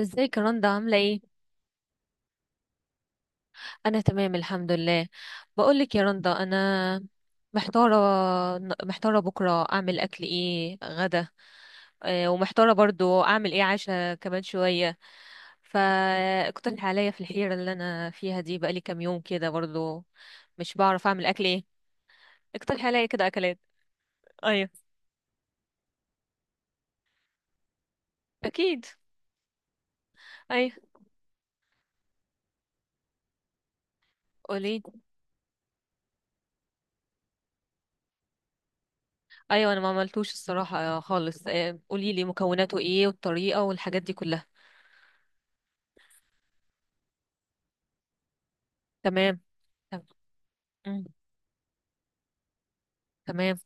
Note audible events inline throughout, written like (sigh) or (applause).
ازيك يا رندا عاملة ايه؟ أنا تمام الحمد لله. بقولك يا رندا أنا محتارة، بكرة أعمل أكل ايه غدا، ومحتارة برضو أعمل ايه عشاء كمان شوية. فاقترح عليا في الحيرة اللي أنا فيها دي، بقالي كام يوم كده برضو مش بعرف أعمل أكل ايه. اقترح عليا كده أكلات. أيوه. أكيد. أيوه. قولي. أيوه، أنا ما عملتوش الصراحة خالص، قوليلي مكوناته ايه والطريقة والحاجات دي كلها. تمام. تمام. تمام.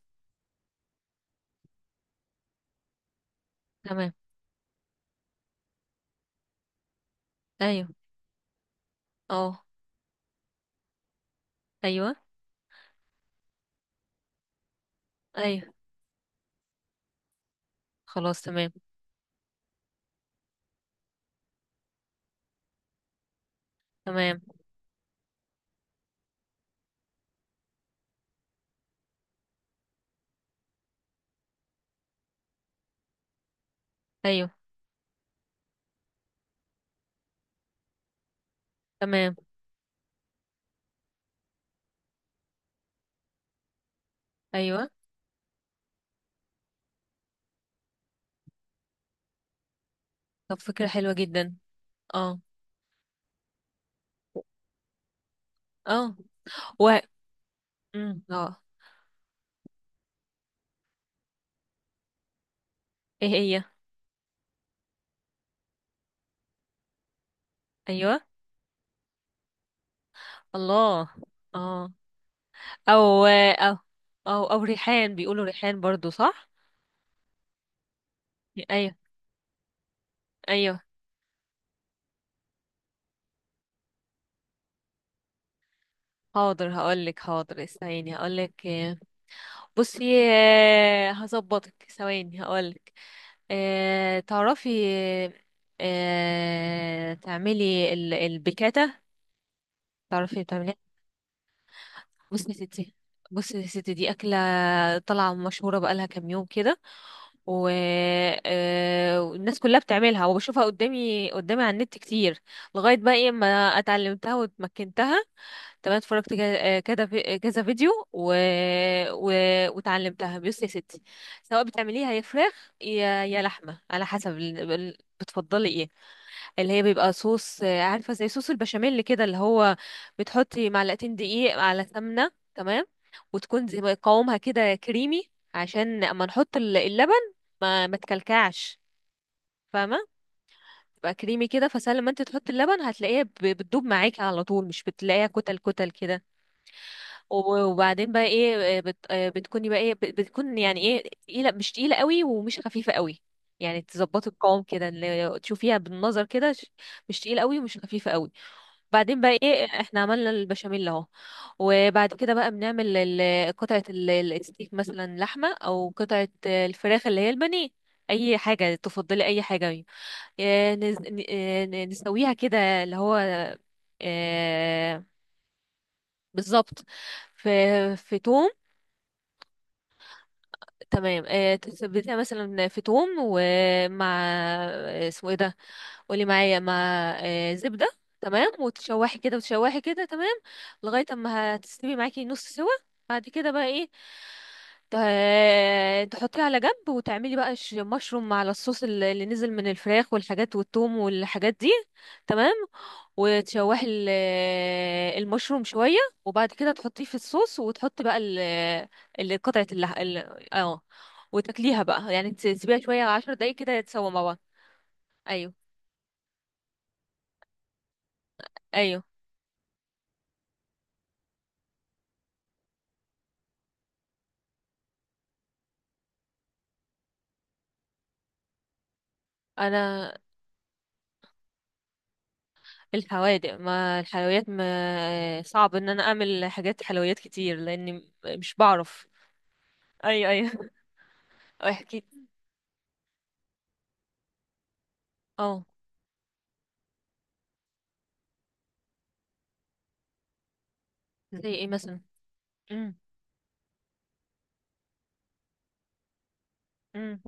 تمام. ايوه. اه. ايوه. ايوه. خلاص تمام. تمام. ايوه. تمام. ايوه. طب فكرة حلوة جدا. اه. اه. و اه. ايه هي؟ ايوه. الله. اه. او. او. او او ريحان، بيقولوا ريحان برضو صح؟ ايوه. ايوه. حاضر هقولك، حاضر استني هقولك. بصي، هظبطك ثواني هقولك. تعرفي، تعملي البيكاتا؟ تعرفي تعمليها؟ بصي يا ستي، بصي يا ستي، دي أكلة طالعة مشهورة بقالها كام يوم كده، و- والناس كلها بتعملها وبشوفها قدامي على النت كتير، لغاية بقى ايه ما اتعلمتها واتمكنتها. تمام. اتفرجت كذا كذا فيديو و... وتعلمتها. بصي يا ستي، سواء بتعمليها يا فراخ يا لحمه، على حسب بتفضلي ايه. اللي هي بيبقى صوص، عارفه زي صوص البشاميل كده، اللي هو بتحطي معلقتين دقيق على سمنه، تمام، وتكون زي ما قوامها كده كريمي، عشان اما نحط اللبن ما تكلكعش، فاهمه؟ تبقى كريمي كده، فسهل لما انت تحطي اللبن هتلاقيها بتدوب معاكي على طول، مش بتلاقيها كتل كده. وبعدين بقى ايه، بتكوني بقى ايه، بتكون يعني ايه، تقيله مش تقيله قوي ومش خفيفه قوي. يعني تظبطي القوام كده اللي تشوفيها بالنظر كده، مش تقيله قوي ومش خفيفه قوي. بعدين بقى ايه، احنا عملنا البشاميل اهو، وبعد كده بقى بنعمل قطعه الستيك مثلا، لحمه او قطعه الفراخ اللي هي البانيه، اي حاجه تفضلي اي حاجه. نسويها كده، اللي هو آه، بالظبط، في في توم. تمام، تثبتيها مثلا في توم، ومع اسمه ايه ده، قولي معايا، مع زبدة. تمام، وتشوحي كده وتشوحي كده، تمام، لغاية اما هتستوي معاكي نص سوا. بعد كده بقى ايه، تحطيه على جنب، وتعملي بقى مشروم على الصوص اللي نزل من الفراخ والحاجات والتوم والحاجات دي. تمام، وتشوحي المشروم شوية، وبعد كده تحطيه في الصوص، وتحط بقى قطعة اللح اه، وتاكليها بقى، يعني تسيبيها شوية عشر دقايق كده يتسوى مع بعض. ايوه. ايوه. انا الحوادق. ما الحلويات ما صعب ان انا اعمل حاجات حلويات كتير لاني مش بعرف. ايوه ايوه. (laughs) احكي. اه. زي ايه مثلا؟ امم. امم.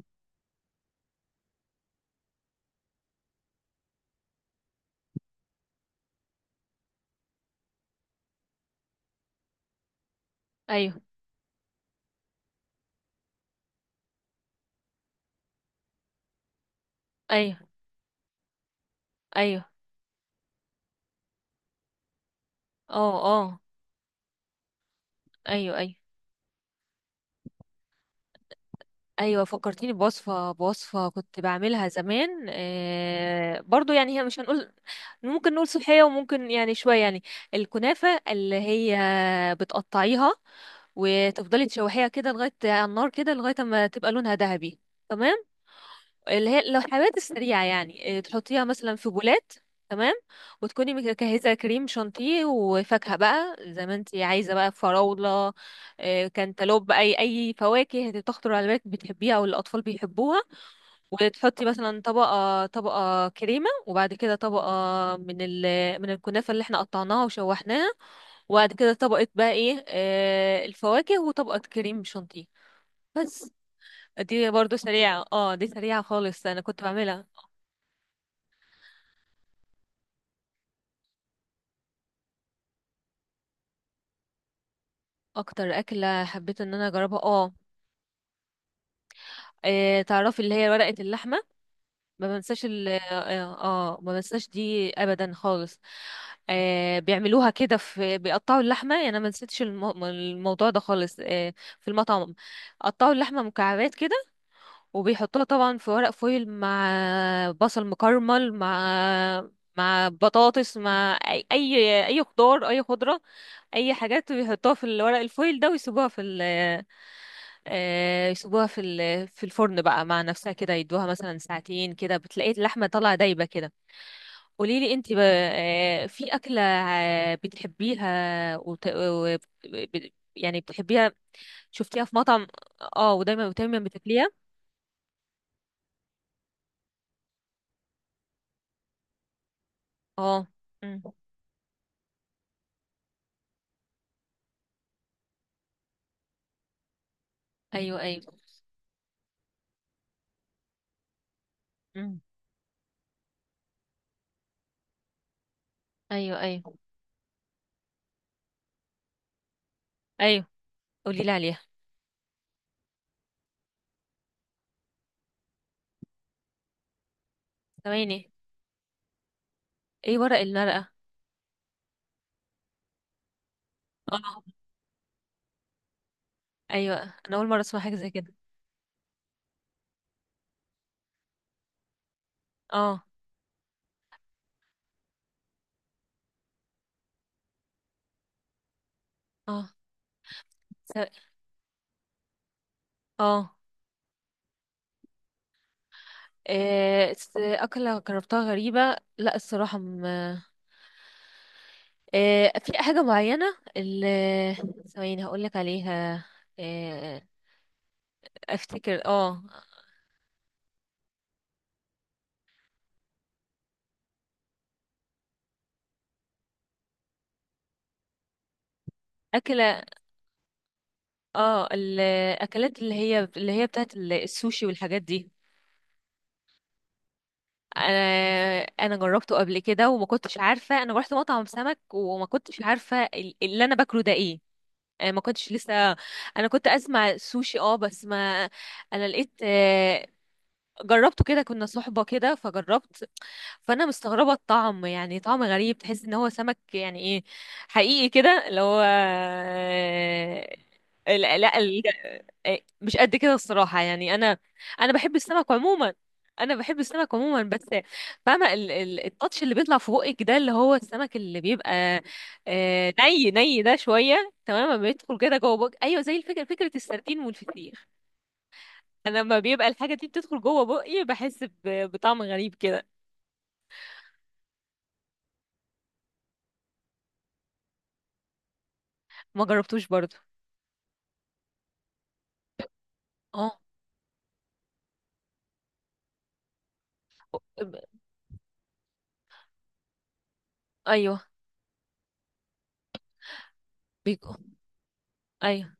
ايوه. ايوه. ايوه. اه. اه. ايوه ايوه. ايوه فكرتيني بوصفه كنت بعملها زمان آه، برضو يعني هي مش هنقول، ممكن نقول صحيه وممكن يعني شويه يعني. الكنافه اللي هي بتقطعيها وتفضلي تشوحيها كده لغايه على النار كده لغايه ما تبقى لونها ذهبي. تمام. اللي هي الحلويات السريعة، تحطيها مثلا في بولات، تمام، وتكوني مجهزة كريم شانتيه وفاكهة بقى زي ما انتي عايزة، بقى فراولة، كانتالوب، أي فواكه هتخطر على بالك بتحبيها أو الأطفال بيحبوها. وتحطي مثلا طبقة كريمة، وبعد كده طبقة من من الكنافة اللي احنا قطعناها وشوحناها، وبعد كده طبقة بقى ايه، آه، الفواكه، وطبقة كريم شانتيه، بس. دي برضو سريعة، اه، دي سريعة خالص، انا كنت بعملها. اكتر اكله حبيت ان انا اجربها، اه، تعرفي اللي هي ورقه اللحمه؟ ما بنساش ما بنساش دي ابدا خالص. آه، بيعملوها كده في، بيقطعوا اللحمه، يعني انا ما نسيتش الموضوع ده خالص آه، في المطعم، قطعوا اللحمه مكعبات كده، وبيحطوها طبعا في ورق فويل، مع بصل مكرمل، مع بطاطس، مع اي أي خضار اي خضره، اي حاجات بيحطوها في الورق الفويل ده، ويسيبوها في يسيبوها في في الفرن بقى مع نفسها كده، يدوها مثلا ساعتين كده، بتلاقي اللحمة طالعة دايبة كده. قولي لي انت، في أكلة بتحبيها، وت... وب- يعني بتحبيها، شفتيها في مطعم؟ اه، ودايما بتاكليها؟ اه. مم. ايوه ايوه. مم. ايوه ايوه. ايوه، قولي لي عليها. ثواني، ايه ورق المرقة؟ اه. ايوه، انا اول مرة اسمع حاجة زي كده. اه. اه. س- اه، أكلة جربتها غريبة، لا، الصراحة في حاجة معينة، اللي ثواني هقولك عليها. آه، افتكر، اه، أكلة، اه، الأكلات اللي هي بتاعت السوشي والحاجات دي. انا جربته قبل كده، وما كنتش عارفه، انا رحت مطعم سمك وما كنتش عارفه اللي انا باكله ده ايه. انا ما كنتش لسه، انا كنت اسمع سوشي اه، بس ما انا لقيت آه، جربته كده، كنا صحبة كده فجربت. فأنا مستغربة الطعم، يعني طعم غريب، تحس إن هو سمك يعني إيه، حقيقي كده اللي هو، لا لا آه، مش قد كده الصراحة، يعني أنا، أنا بحب السمك عموما أنا بحب السمك عموما بس، فاهمة التاتش اللي بيطلع في بقك ده اللي هو السمك اللي بيبقى ني ده شوية، تمام، بيدخل كده جوه بقك، أيوه، زي الفكرة، فكرة السردين والفسيخ. انا لما بيبقى الحاجه دي بتدخل جوه بقي بحس بطعم غريب كده. ما جربتوش برضو؟ اه. ب- ايوه. بيكو. ايوه.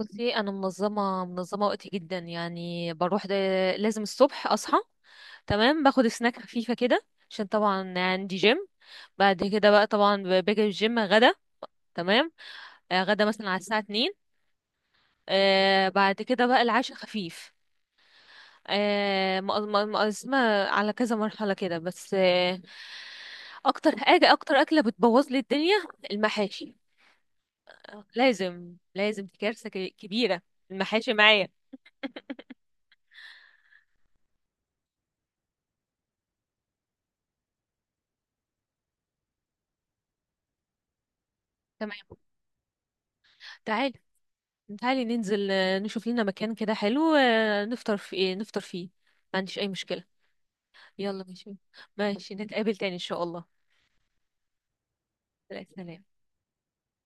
بصي انا منظمه، وقتي جدا، يعني بروح ده، لازم الصبح اصحى، تمام، باخد سناك خفيفه كده عشان طبعا عندي جيم، بعد كده بقى طبعا باجي الجيم غدا، تمام، غدا مثلا على الساعه 2، آه، بعد كده بقى العشاء خفيف، مقسمة على كذا مرحلة كده، بس آه، أكتر حاجة أكتر أكلة بتبوظ لي الدنيا المحاشي، آه، لازم لازم، دي كارثة كبيرة المحاشي معايا. تمام، تعالي، ننزل، نشوف لنا مكان كده حلو، نفطر في نفطر فيه، ما عنديش أي مشكلة. يلا ماشي، ماشي نتقابل تاني إن شاء الله. سلام.